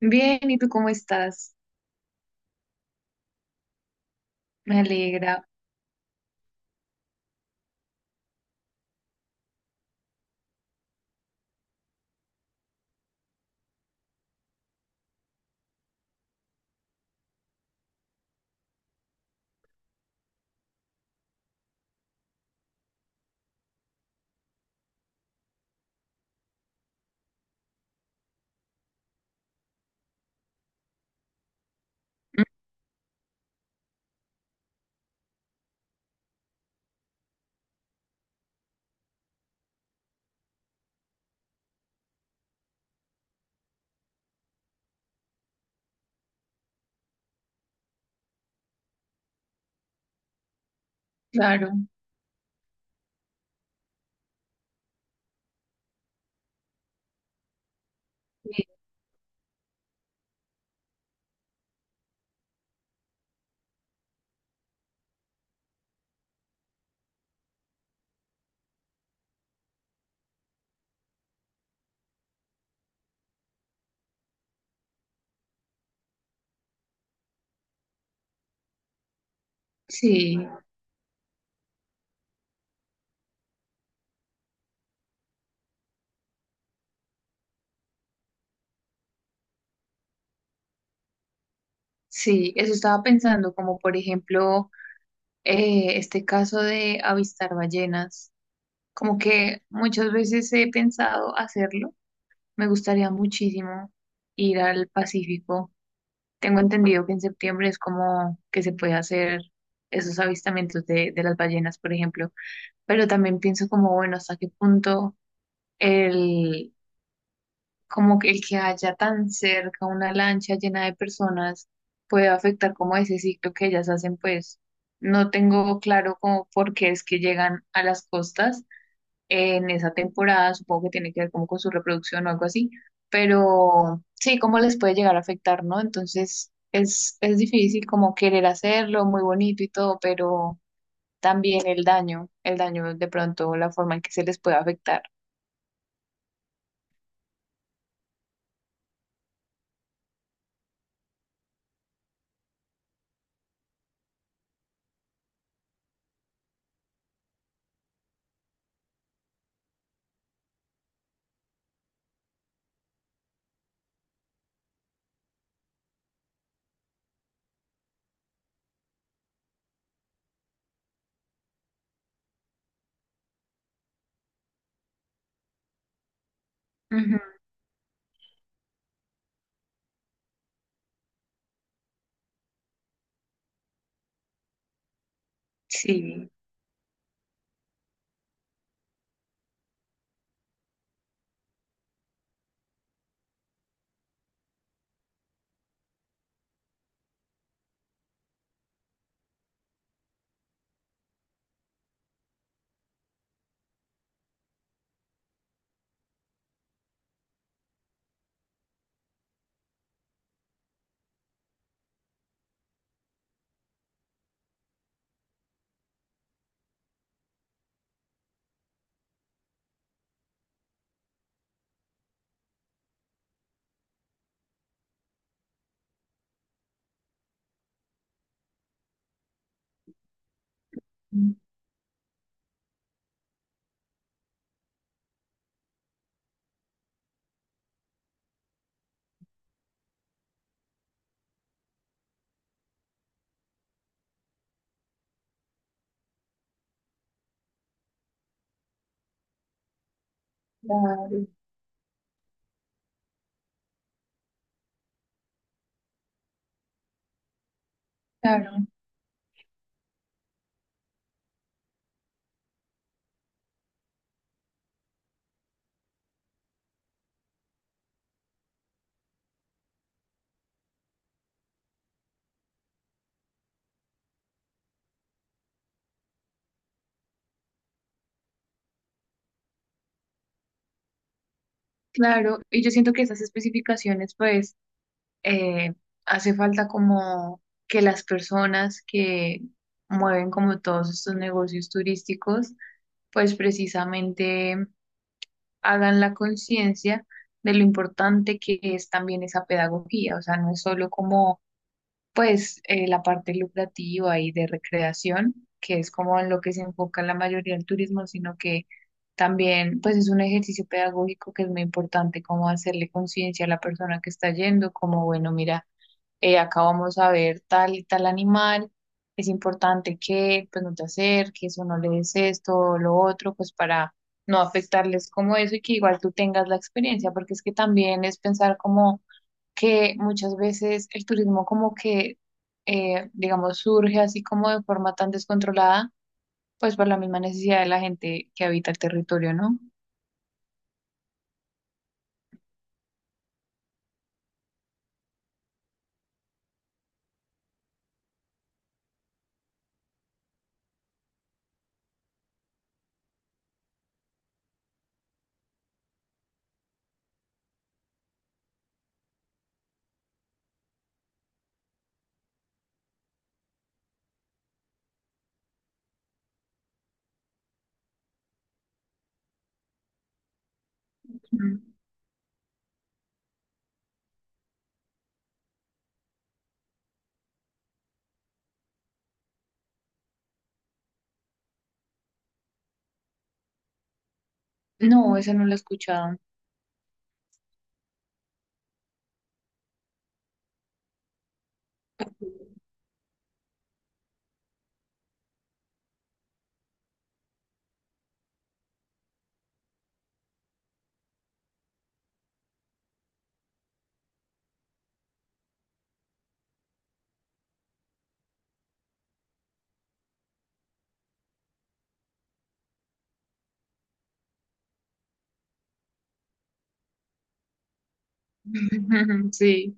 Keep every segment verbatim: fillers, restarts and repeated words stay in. Bien, ¿y tú cómo estás? Me alegra, claro. Sí, sí, eso estaba pensando, como por ejemplo, eh, este caso de avistar ballenas, como que muchas veces he pensado hacerlo, me gustaría muchísimo ir al Pacífico. Tengo entendido que en septiembre es como que se puede hacer esos avistamientos de, de las ballenas, por ejemplo, pero también pienso como, bueno, ¿hasta qué punto el como que el que haya tan cerca una lancha llena de personas puede afectar como ese ciclo que ellas hacen, pues no tengo claro como por qué es que llegan a las costas en esa temporada, supongo que tiene que ver como con su reproducción o algo así, pero sí, cómo les puede llegar a afectar, ¿no? Entonces es, es difícil como querer hacerlo, muy bonito y todo, pero también el daño, el daño de pronto, la forma en que se les puede afectar. Ujú, sí, claro, claro. Claro, y yo siento que esas especificaciones, pues, eh, hace falta como que las personas que mueven como todos estos negocios turísticos, pues precisamente hagan la conciencia de lo importante que es también esa pedagogía, o sea, no es solo como pues eh, la parte lucrativa y de recreación, que es como en lo que se enfoca la mayoría del turismo, sino que también pues es un ejercicio pedagógico que es muy importante, como hacerle conciencia a la persona que está yendo, como bueno, mira, eh, acá vamos a ver tal y tal animal, es importante que pues no te acerques o no le des esto o lo otro, pues para no afectarles como eso y que igual tú tengas la experiencia, porque es que también es pensar como que muchas veces el turismo como que, eh, digamos, surge así como de forma tan descontrolada, pues por la misma necesidad de la gente que habita el territorio, ¿no? Ujú. No, esa no la he escuchado. Sí,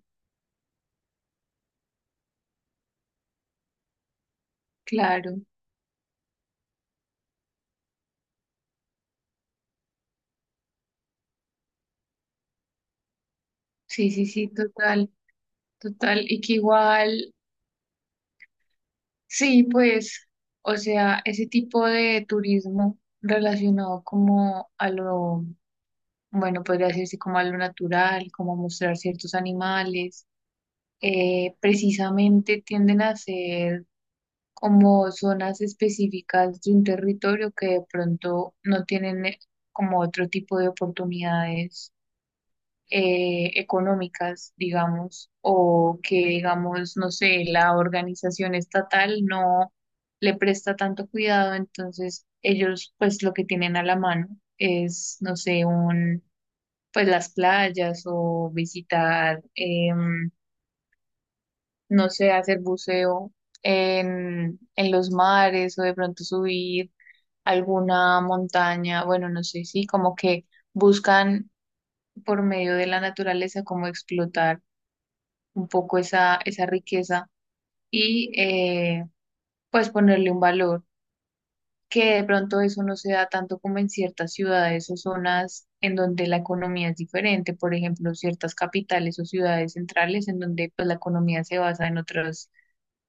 claro. Sí, sí, sí, total, total. Y que igual, sí, pues, o sea, ese tipo de turismo relacionado como a lo, bueno, podría decirse como a lo natural, como a mostrar ciertos animales eh, precisamente tienden a ser como zonas específicas de un territorio que de pronto no tienen eh, como otro tipo de oportunidades eh, económicas, digamos, o que digamos, no sé, la organización estatal no le presta tanto cuidado, entonces ellos pues lo que tienen a la mano es, no sé, un pues las playas o visitar em, no sé, hacer buceo en, en, los mares o de pronto subir alguna montaña, bueno, no sé, sí, como que buscan por medio de la naturaleza como explotar un poco esa, esa riqueza y eh, pues ponerle un valor, que de pronto eso no se da tanto como en ciertas ciudades o zonas en donde la economía es diferente, por ejemplo, ciertas capitales o ciudades centrales en donde pues la economía se basa en otros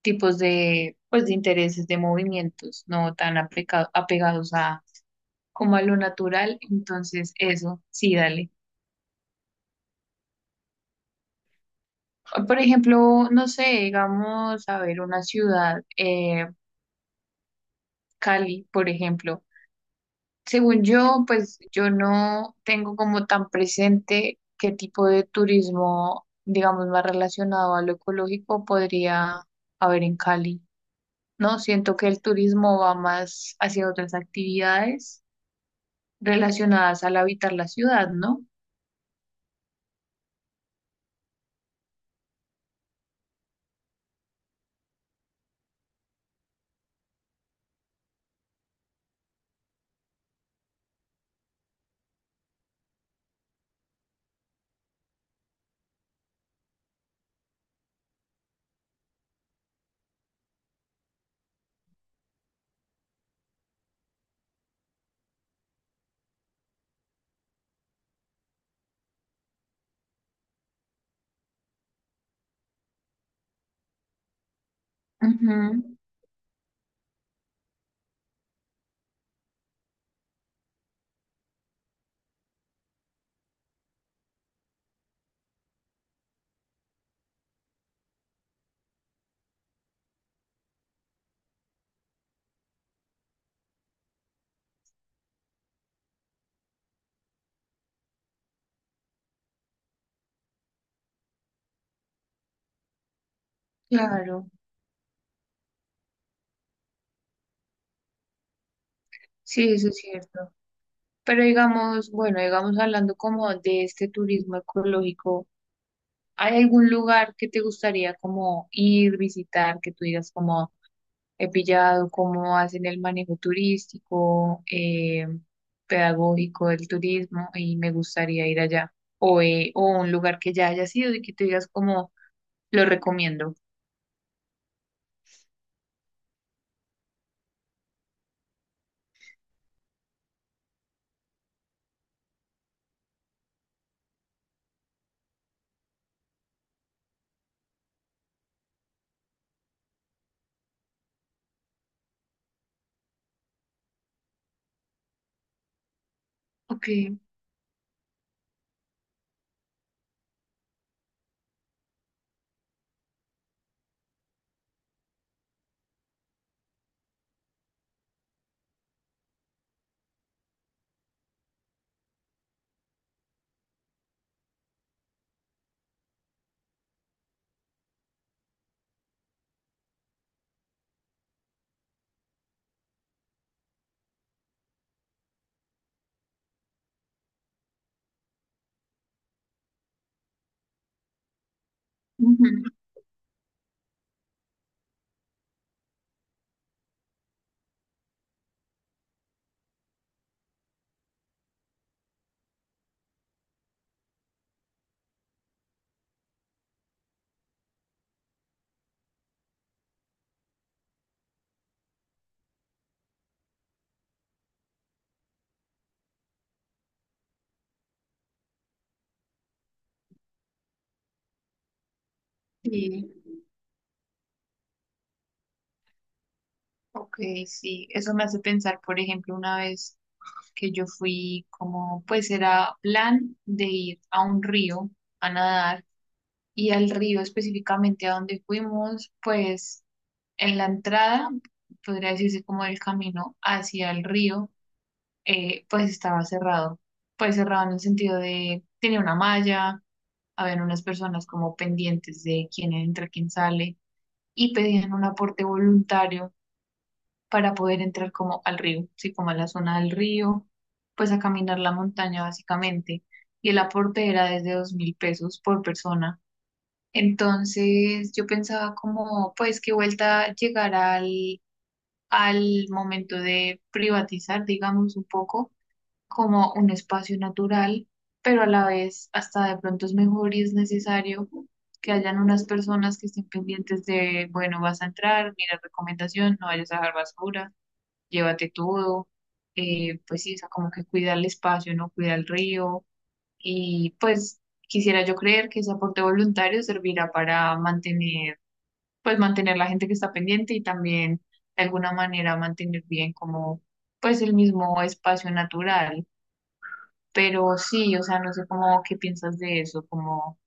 tipos de, pues, de intereses, de movimientos, no tan apeca- apegados a como a lo natural, entonces eso, sí, dale. Por ejemplo, no sé, digamos, a ver, una ciudad, eh, Cali, por ejemplo. Según yo, pues yo no tengo como tan presente qué tipo de turismo, digamos, más relacionado a lo ecológico podría haber en Cali, ¿no? Siento que el turismo va más hacia otras actividades relacionadas al habitar la ciudad, ¿no? Ujú, claro, sí, eso es cierto. Pero digamos, bueno, digamos hablando como de este turismo ecológico, ¿hay algún lugar que te gustaría como ir, visitar, que tú digas como he pillado, cómo hacen el manejo turístico, eh, pedagógico del turismo y me gustaría ir allá? O, eh, o un lugar que ya haya sido y que tú digas como lo recomiendo. Ok. Ujú, sí. Ok, sí, eso me hace pensar, por ejemplo, una vez que yo fui como, pues era plan de ir a un río a nadar y al río específicamente a donde fuimos, pues en la entrada, podría decirse como el camino hacia el río, eh, pues estaba cerrado, pues cerrado en el sentido de, tenía una malla, habían unas personas como pendientes de quién entra, quién sale y pedían un aporte voluntario para poder entrar como al río, sí, como a la zona del río, pues a caminar la montaña básicamente. Y el aporte era desde dos mil pesos por persona. Entonces yo pensaba como, pues qué vuelta llegar al, al momento de privatizar, digamos, un poco como un espacio natural, pero a la vez hasta de pronto es mejor y es necesario que hayan unas personas que estén pendientes de, bueno, vas a entrar, mira recomendación, no vayas a dejar basura llévate todo, eh, pues sí, o sea, como que cuida el espacio, no cuida el río y pues quisiera yo creer que ese aporte voluntario servirá para mantener, pues mantener la gente que está pendiente y también de alguna manera mantener bien como pues el mismo espacio natural, pero sí, o sea, no sé cómo qué piensas de eso, como